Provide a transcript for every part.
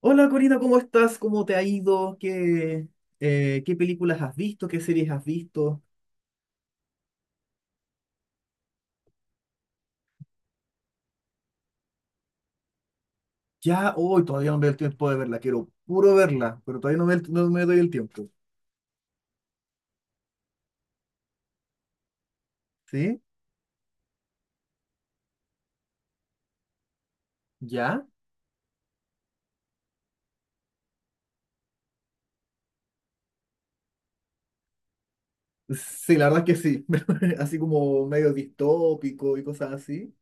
Hola, Corina, ¿cómo estás? ¿Cómo te ha ido? ¿Qué películas has visto? ¿Qué series has visto? Ya hoy todavía no me doy el tiempo de verla, quiero puro verla, pero todavía no me doy el tiempo. ¿Sí? ¿Ya? Sí, la verdad es que sí, así como medio distópico y cosas así.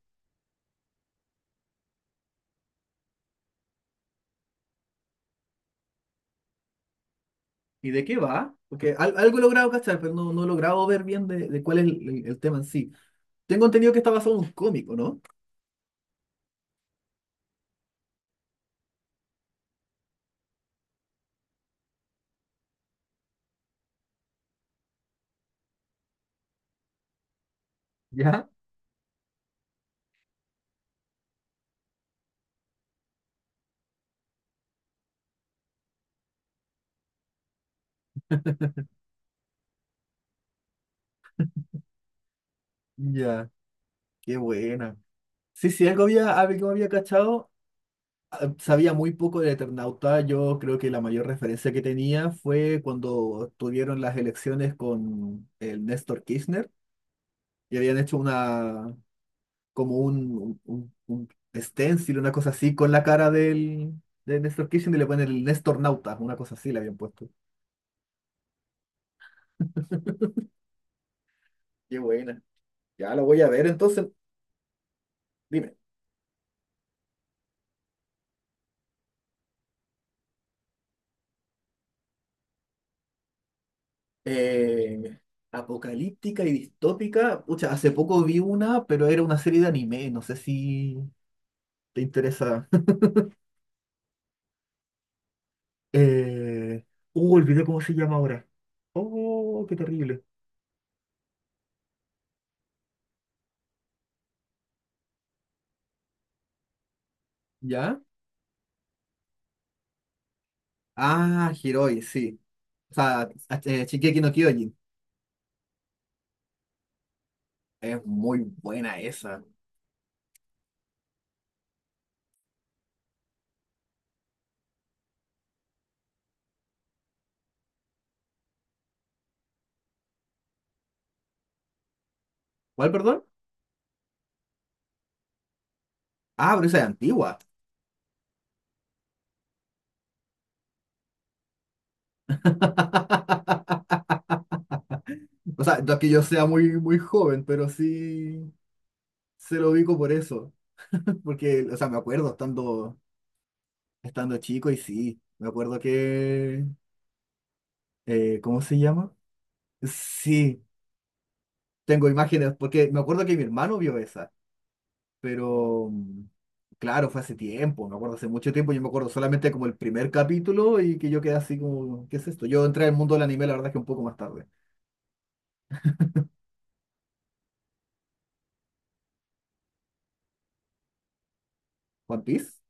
¿Y de qué va? Porque algo he logrado cachar, pero no he logrado ver bien de cuál es el tema en sí. Tengo entendido que está basado en un cómic, ¿o no? ¿Ya? Ya, qué buena. Sí, sí, algo había cachado, ah, sabía muy poco de Eternauta. Yo creo que la mayor referencia que tenía fue cuando tuvieron las elecciones con el Néstor Kirchner y habían hecho una, como un stencil, una cosa así, con la cara de Néstor Kirchner, y le ponen el Néstor Nauta, una cosa así le habían puesto. Qué buena. Ya lo voy a ver entonces. Dime. Eh, Apocalíptica y distópica. Pucha, hace poco vi una, pero era una serie de anime. No sé si te interesa. Eh, Olvidé cómo se llama ahora. Oh, qué terrible. ¿Ya? Ah, Hiroi, sí. O sea, Shingeki no Kyojin. Es muy buena esa. ¿Cuál, perdón? Ah, pero esa es antigua. O sea, no es que yo sea muy joven, pero sí se lo ubico por eso. Porque, o sea, estando chico y sí, me acuerdo que… ¿cómo se llama? Sí, tengo imágenes, porque me acuerdo que mi hermano vio esa. Pero claro, fue hace tiempo, me acuerdo hace mucho tiempo, yo me acuerdo solamente como el primer capítulo y que yo quedé así como, ¿qué es esto? Yo entré al mundo del anime, la verdad es que un poco más tarde. One Piece,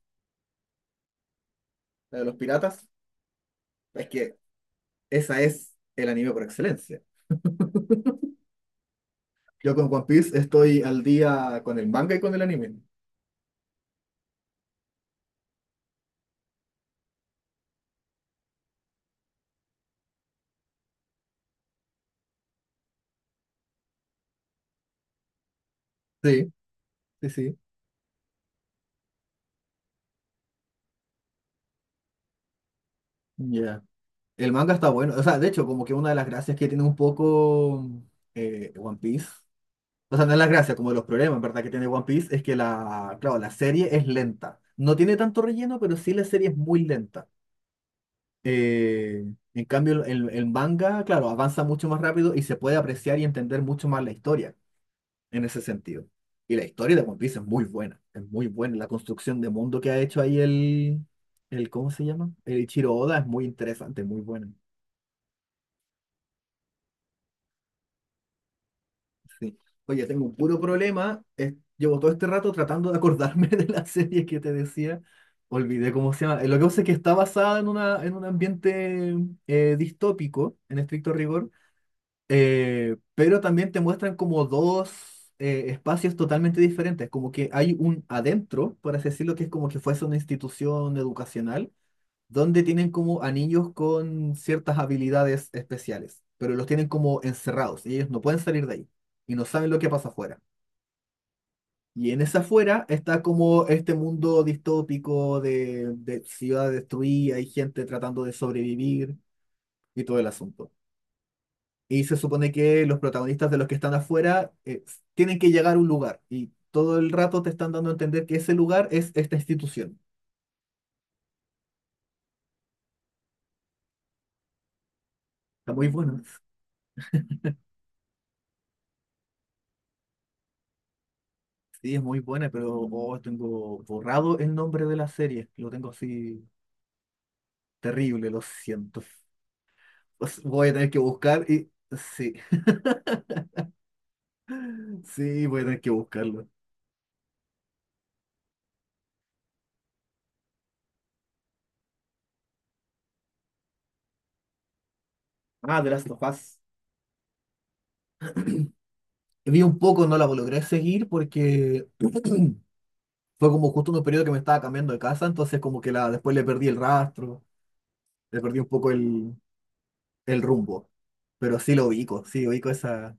la de los piratas, es que esa es el anime por excelencia. Yo con One Piece estoy al día con el manga y con el anime. Sí, sí, sí. Ya. El manga está bueno, o sea, de hecho, como que una de las gracias que tiene un poco One Piece, o sea, no es la gracia, como de los problemas, ¿verdad? Que tiene One Piece es que la, claro, la serie es lenta. No tiene tanto relleno, pero sí la serie es muy lenta. Eh, en cambio, el manga, claro, avanza mucho más rápido y se puede apreciar y entender mucho más la historia en ese sentido. Y la historia de One Piece es muy buena, es muy buena. La construcción de mundo que ha hecho ahí el ¿cómo se llama? El Ichiro Oda es muy interesante, muy buena. Sí. Oye, tengo un puro problema. Llevo todo este rato tratando de acordarme de la serie que te decía. Olvidé cómo se llama. Lo que pasa es que está basada en, una, en un ambiente distópico, en estricto rigor, pero también te muestran como dos espacios totalmente diferentes. Como que hay un adentro, por así decirlo, que es como que fuese una institución educacional donde tienen como anillos con ciertas habilidades especiales, pero los tienen como encerrados y ellos no pueden salir de ahí y no saben lo que pasa afuera. Y en esa afuera está como este mundo distópico de ciudad destruida, hay gente tratando de sobrevivir y todo el asunto. Y se supone que los protagonistas de los que están afuera tienen que llegar a un lugar y todo el rato te están dando a entender que ese lugar es esta institución. Está muy bueno. Sí, es muy buena, pero oh, tengo borrado el nombre de la serie. Lo tengo así terrible, lo siento. Voy a tener que buscar y… Sí, sí, voy a tener que buscarlo. Ah, The Last of Us. Vi un poco, no la logré seguir porque fue como justo en un periodo que me estaba cambiando de casa, entonces como que la, después le perdí el rastro, le perdí un poco el rumbo. Pero sí lo ubico, sí, ubico esa…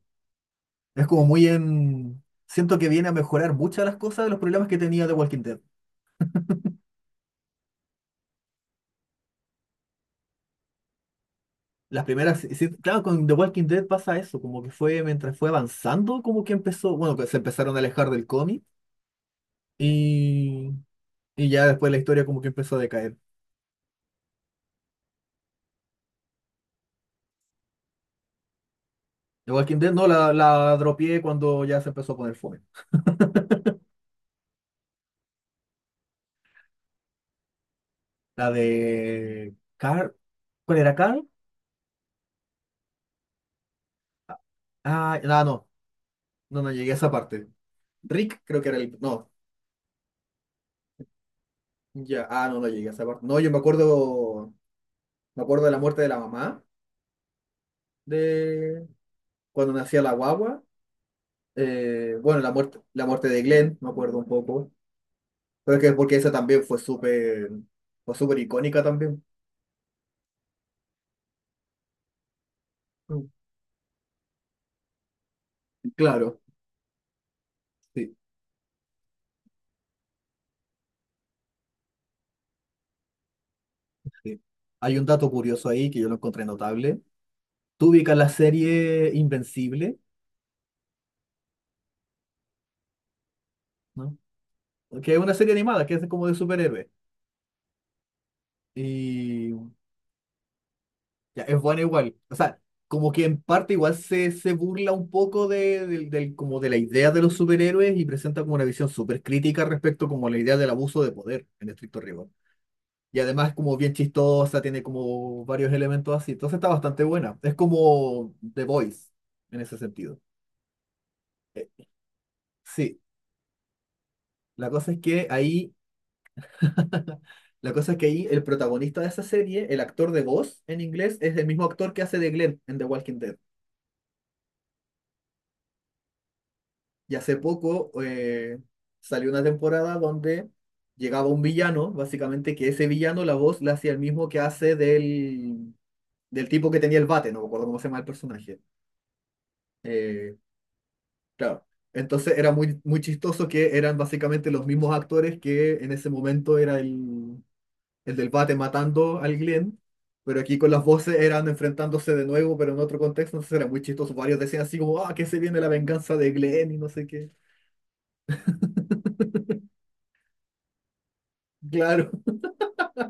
Es como muy en… Siento que viene a mejorar muchas de las cosas de los problemas que tenía de Walking Dead. Las primeras, sí, sí, claro, con The Walking Dead pasa eso, como que fue mientras fue avanzando, como que empezó, bueno, que se empezaron a alejar del cómic y, y ya después la historia como que empezó a decaer. The Walking Dead no, la dropié cuando ya se empezó a poner fome. La de Carl, ¿cuál era Carl? Ah, no, no, no, no llegué a esa parte. Rick creo que era el, no, ya, ah, no, no llegué a esa parte. No, yo me acuerdo de la muerte de la mamá, de cuando nacía la guagua. Bueno, la muerte de Glenn, me acuerdo un poco. Pero es que porque esa también fue súper icónica también. Mm. Claro, sí, sí. Hay un dato curioso ahí que yo lo encontré notable. Tú ubicas la serie Invencible, ¿no? Que es una serie animada, que es como de superhéroes. Y ya, es buena igual. O sea, como que en parte igual se, se burla un poco como de la idea de los superhéroes y presenta como una visión súper crítica respecto como a la idea del abuso de poder en estricto rigor. Y además es como bien chistosa, tiene como varios elementos así. Entonces está bastante buena. Es como The Voice en ese sentido. Eh, sí, la cosa es que ahí, la cosa es que ahí el protagonista de esa serie, el actor de voz en inglés, es el mismo actor que hace de Glenn en The Walking Dead. Y hace poco salió una temporada donde llegaba un villano, básicamente, que ese villano la voz la hacía el mismo que hace del tipo que tenía el bate, no me acuerdo cómo se llama el personaje. Eh, Claro. Entonces era muy chistoso, que eran básicamente los mismos actores, que en ese momento era el del bate matando al Glenn, pero aquí con las voces eran enfrentándose de nuevo, pero en otro contexto, entonces era muy chistoso. Varios decían así como, ah, que se viene la venganza de Glenn y no sé qué. Claro,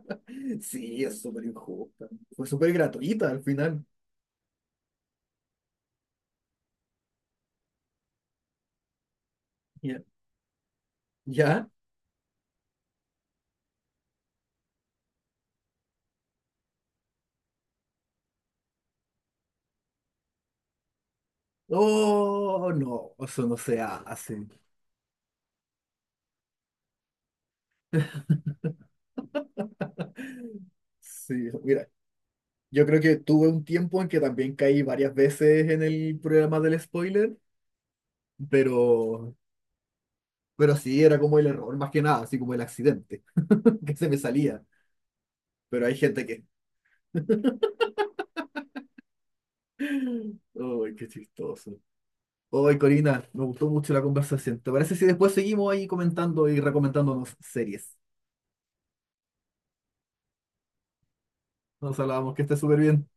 sí, es súper injusta. Fue súper gratuita al final. Ya. ¿Ya? Oh, no, eso no se hace. Sí, yo creo que tuve un tiempo en que también caí varias veces en el programa del spoiler, pero, pero sí, era como el error más que nada, así como el accidente, que se me salía. Pero hay gente que… ¡Ay, qué chistoso! ¡Ay, Corina! Me gustó mucho la conversación. ¿Te parece si después seguimos ahí comentando y recomendándonos series? Nos hablábamos que esté súper bien.